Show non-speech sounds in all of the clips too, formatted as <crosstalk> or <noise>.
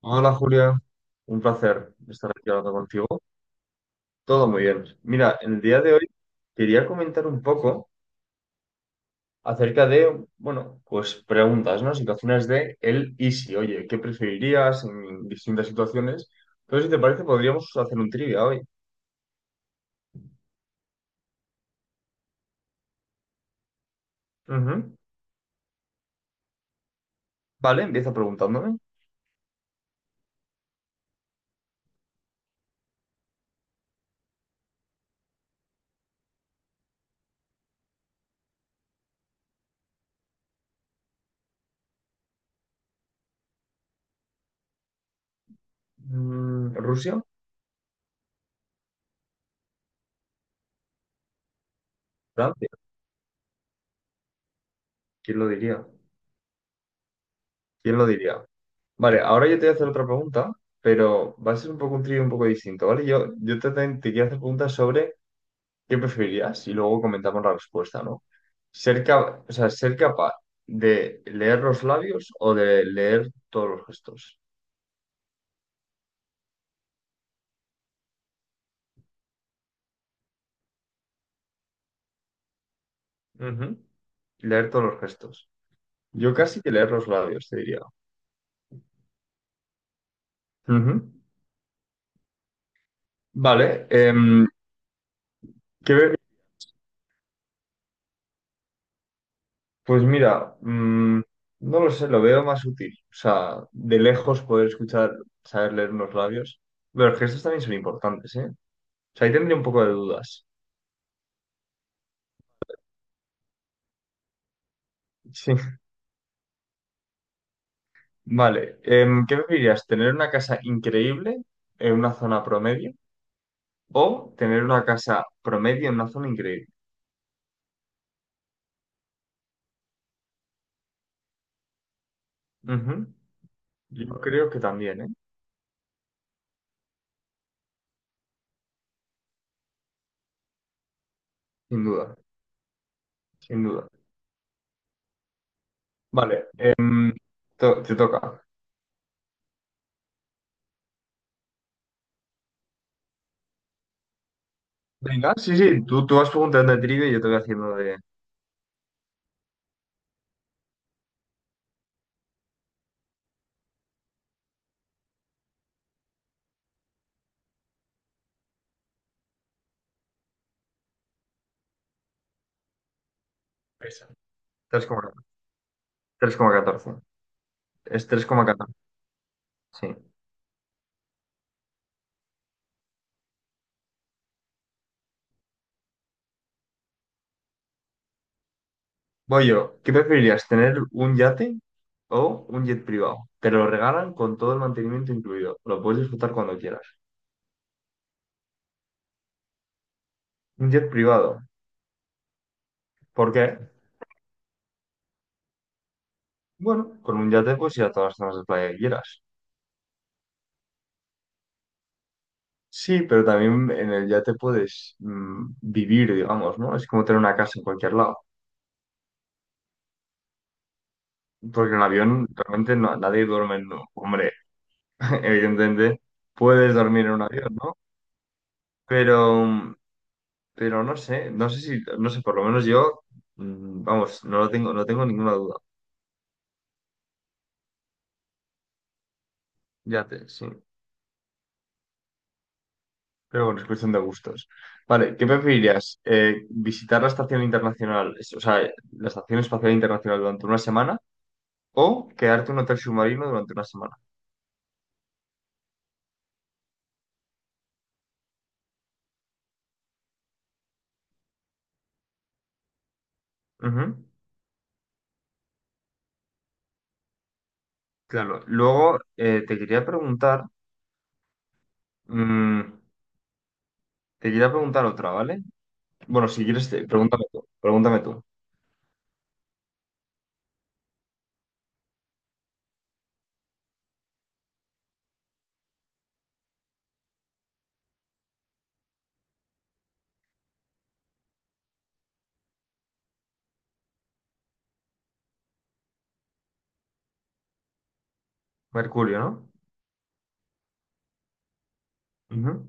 Hola Julia, un placer estar aquí hablando contigo. Todo muy bien. Mira, en el día de hoy quería comentar un poco acerca de, bueno, pues preguntas, ¿no? Situaciones de el y si. Oye, ¿qué preferirías en distintas situaciones? Entonces, si te parece, podríamos hacer un trivia hoy. Ujú. Vale, empieza preguntándome. ¿Rusia? ¿Francia? ¿Quién lo diría? ¿Quién lo diría? Vale, ahora yo te voy a hacer otra pregunta, pero va a ser un poco un trivia un poco distinto, ¿vale? Yo te quiero hacer preguntas sobre ¿Qué preferirías? Y luego comentamos la respuesta, ¿no? O sea, ser capaz de leer los labios o de leer todos los gestos. Ujú. Leer todos los gestos. Yo casi que leer los labios, te diría. Ujú. Vale. ¿Qué ve- Pues mira, no lo sé, lo veo más útil. O sea, de lejos poder escuchar, saber leer unos labios. Pero los gestos también son importantes, ¿eh? O sea, ahí tendría un poco de dudas. Sí. Vale, ¿qué preferirías? ¿Tener una casa increíble en una zona promedio o tener una casa promedio en una zona increíble? Ujú. Yo creo que también, ¿eh? Sin duda, sin duda. Vale, te toca. Venga, sí, sí, tú vas preguntando de trivia y yo te voy haciendo de... Esa. 3,14. Es tres coma catorce sí. Voy yo. ¿Qué preferirías? ¿Tener un yate o un jet privado? Te lo regalan con todo el mantenimiento incluido. Lo puedes disfrutar cuando quieras. Un jet privado. ¿Por qué? Bueno, con un yate puedes ir a todas las zonas de playa que quieras. Sí, pero también en el yate puedes vivir, digamos, ¿no? Es como tener una casa en cualquier lado. Porque en un avión realmente nadie duerme en un... Hombre, <laughs> evidentemente puedes dormir en un avión, ¿no? Pero, mm, pero no sé, no sé si, no sé, por lo menos yo, vamos, no lo tengo, no tengo ninguna duda. Yate, sí. Pero bueno, es cuestión de gustos. Vale, ¿qué preferirías? ¿Visitar la Estación Internacional, es- o sea, la Estación Espacial Internacional durante una semana o quedarte en un hotel submarino durante una semana? Ujú, claro. Luego te quería preguntar, mm, te quería preguntar otra, ¿vale? Bueno, si quieres, pregúntame tú. Pregúntame tú. Mercurio, ¿no? Ujú,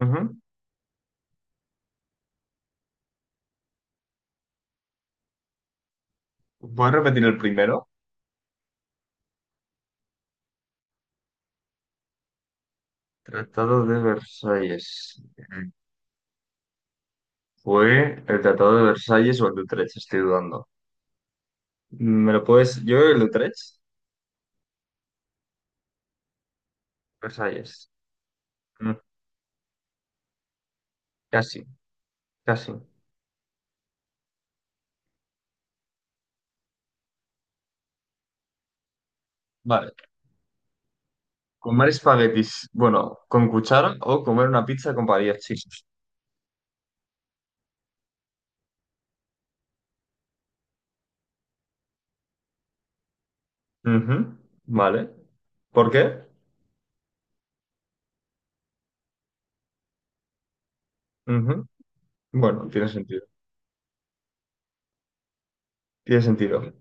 ujú. ¿Puedes repetir el primero? Tratado de Versalles. ¿Fue el Tratado de Versalles o el de Utrecht? Estoy dudando. ¿Me lo puedes? Yo creo que el Utrecht. Versalles. Mm, Casi, casi. Vale. Comer espaguetis, bueno, con cuchara o comer una pizza con varias. Ujú. Vale. ¿Por qué? Ujú. Bueno, tiene sentido. Tiene sentido.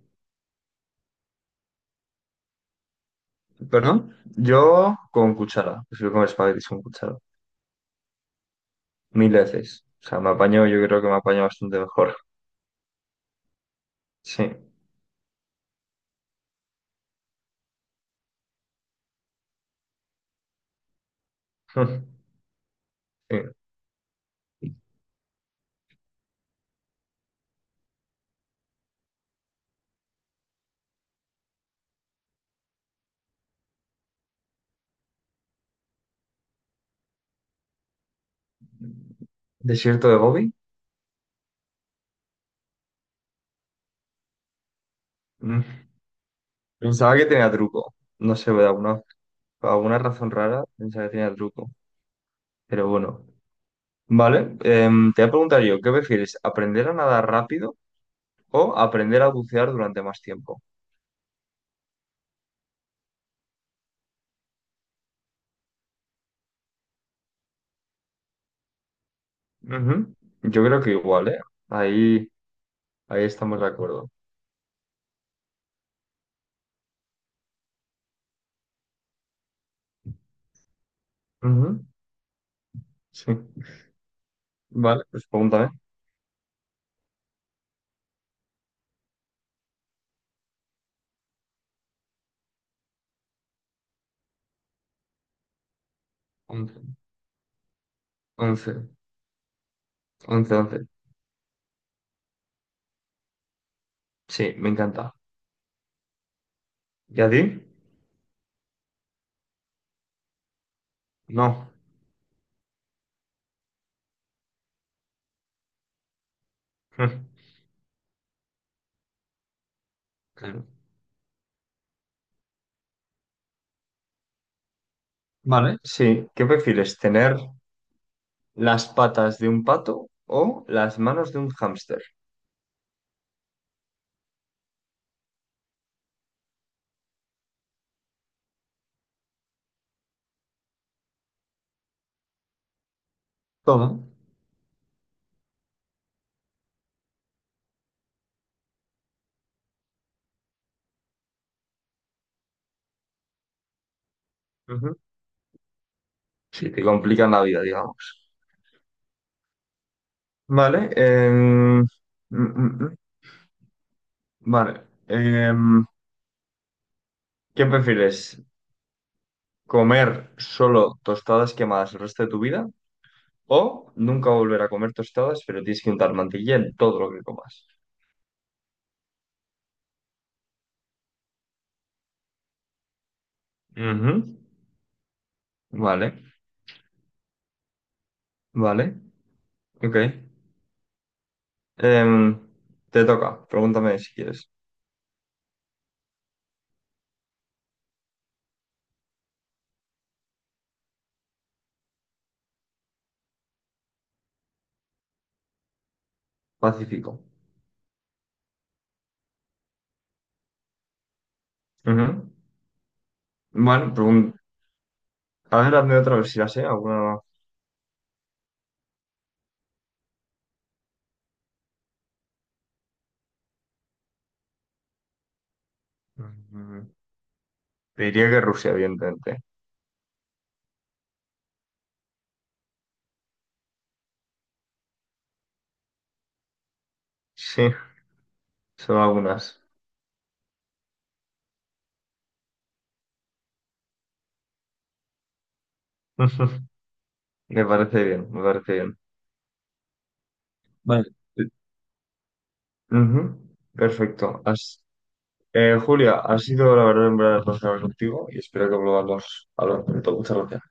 ¿Perdón? Yo con cuchara. Prefiero comer espaguetis con cuchara. Mil veces. O sea, me apaño, yo creo que me apaño bastante mejor. Sí. <laughs> Sí. ¿Desierto de Gobi? Mm. Pensaba que tenía truco. No sé, ¿verdad? Por alguna razón rara, pensaba que tenía truco. Pero bueno. Vale, te voy a preguntar yo, ¿qué prefieres? ¿Aprender a nadar rápido o aprender a bucear durante más tiempo? Ujú. Yo creo que igual, ¿eh? Ahí, ahí estamos de acuerdo. Ujú. Sí. Vale, pues pregúntame. Once. Once. Once, once. Sí, me encanta. ¿Y a ti? No. <laughs> Claro. Vale, sí. ¿Qué prefieres? ¿Tener las patas de un pato o las manos de un hámster? Todo. Sí, te complican la vida, digamos. Vale. Mm, mm. vale. em, ¿qué prefieres? ¿Comer solo tostadas quemadas el resto de tu vida? ¿O nunca volver a comer tostadas, pero tienes que untar mantequilla en todo lo que comas? Ujú. Vale, vale. Ok. Em, te toca. Pregúntame si quieres. Pacífico. Ujú. Bueno, pregun- a ver, hazme otra vez si la sé. Alguna... Mm, te diría que Rusia, evidentemente. Sí. Son algunas. <laughs> Ujú. Me parece bien, me parece bien. Vale. Ujú, perfecto. Julia, ha sido la verdad en verdad placer hablar contigo y espero que volvamos a hablar pronto. Muchas gracias.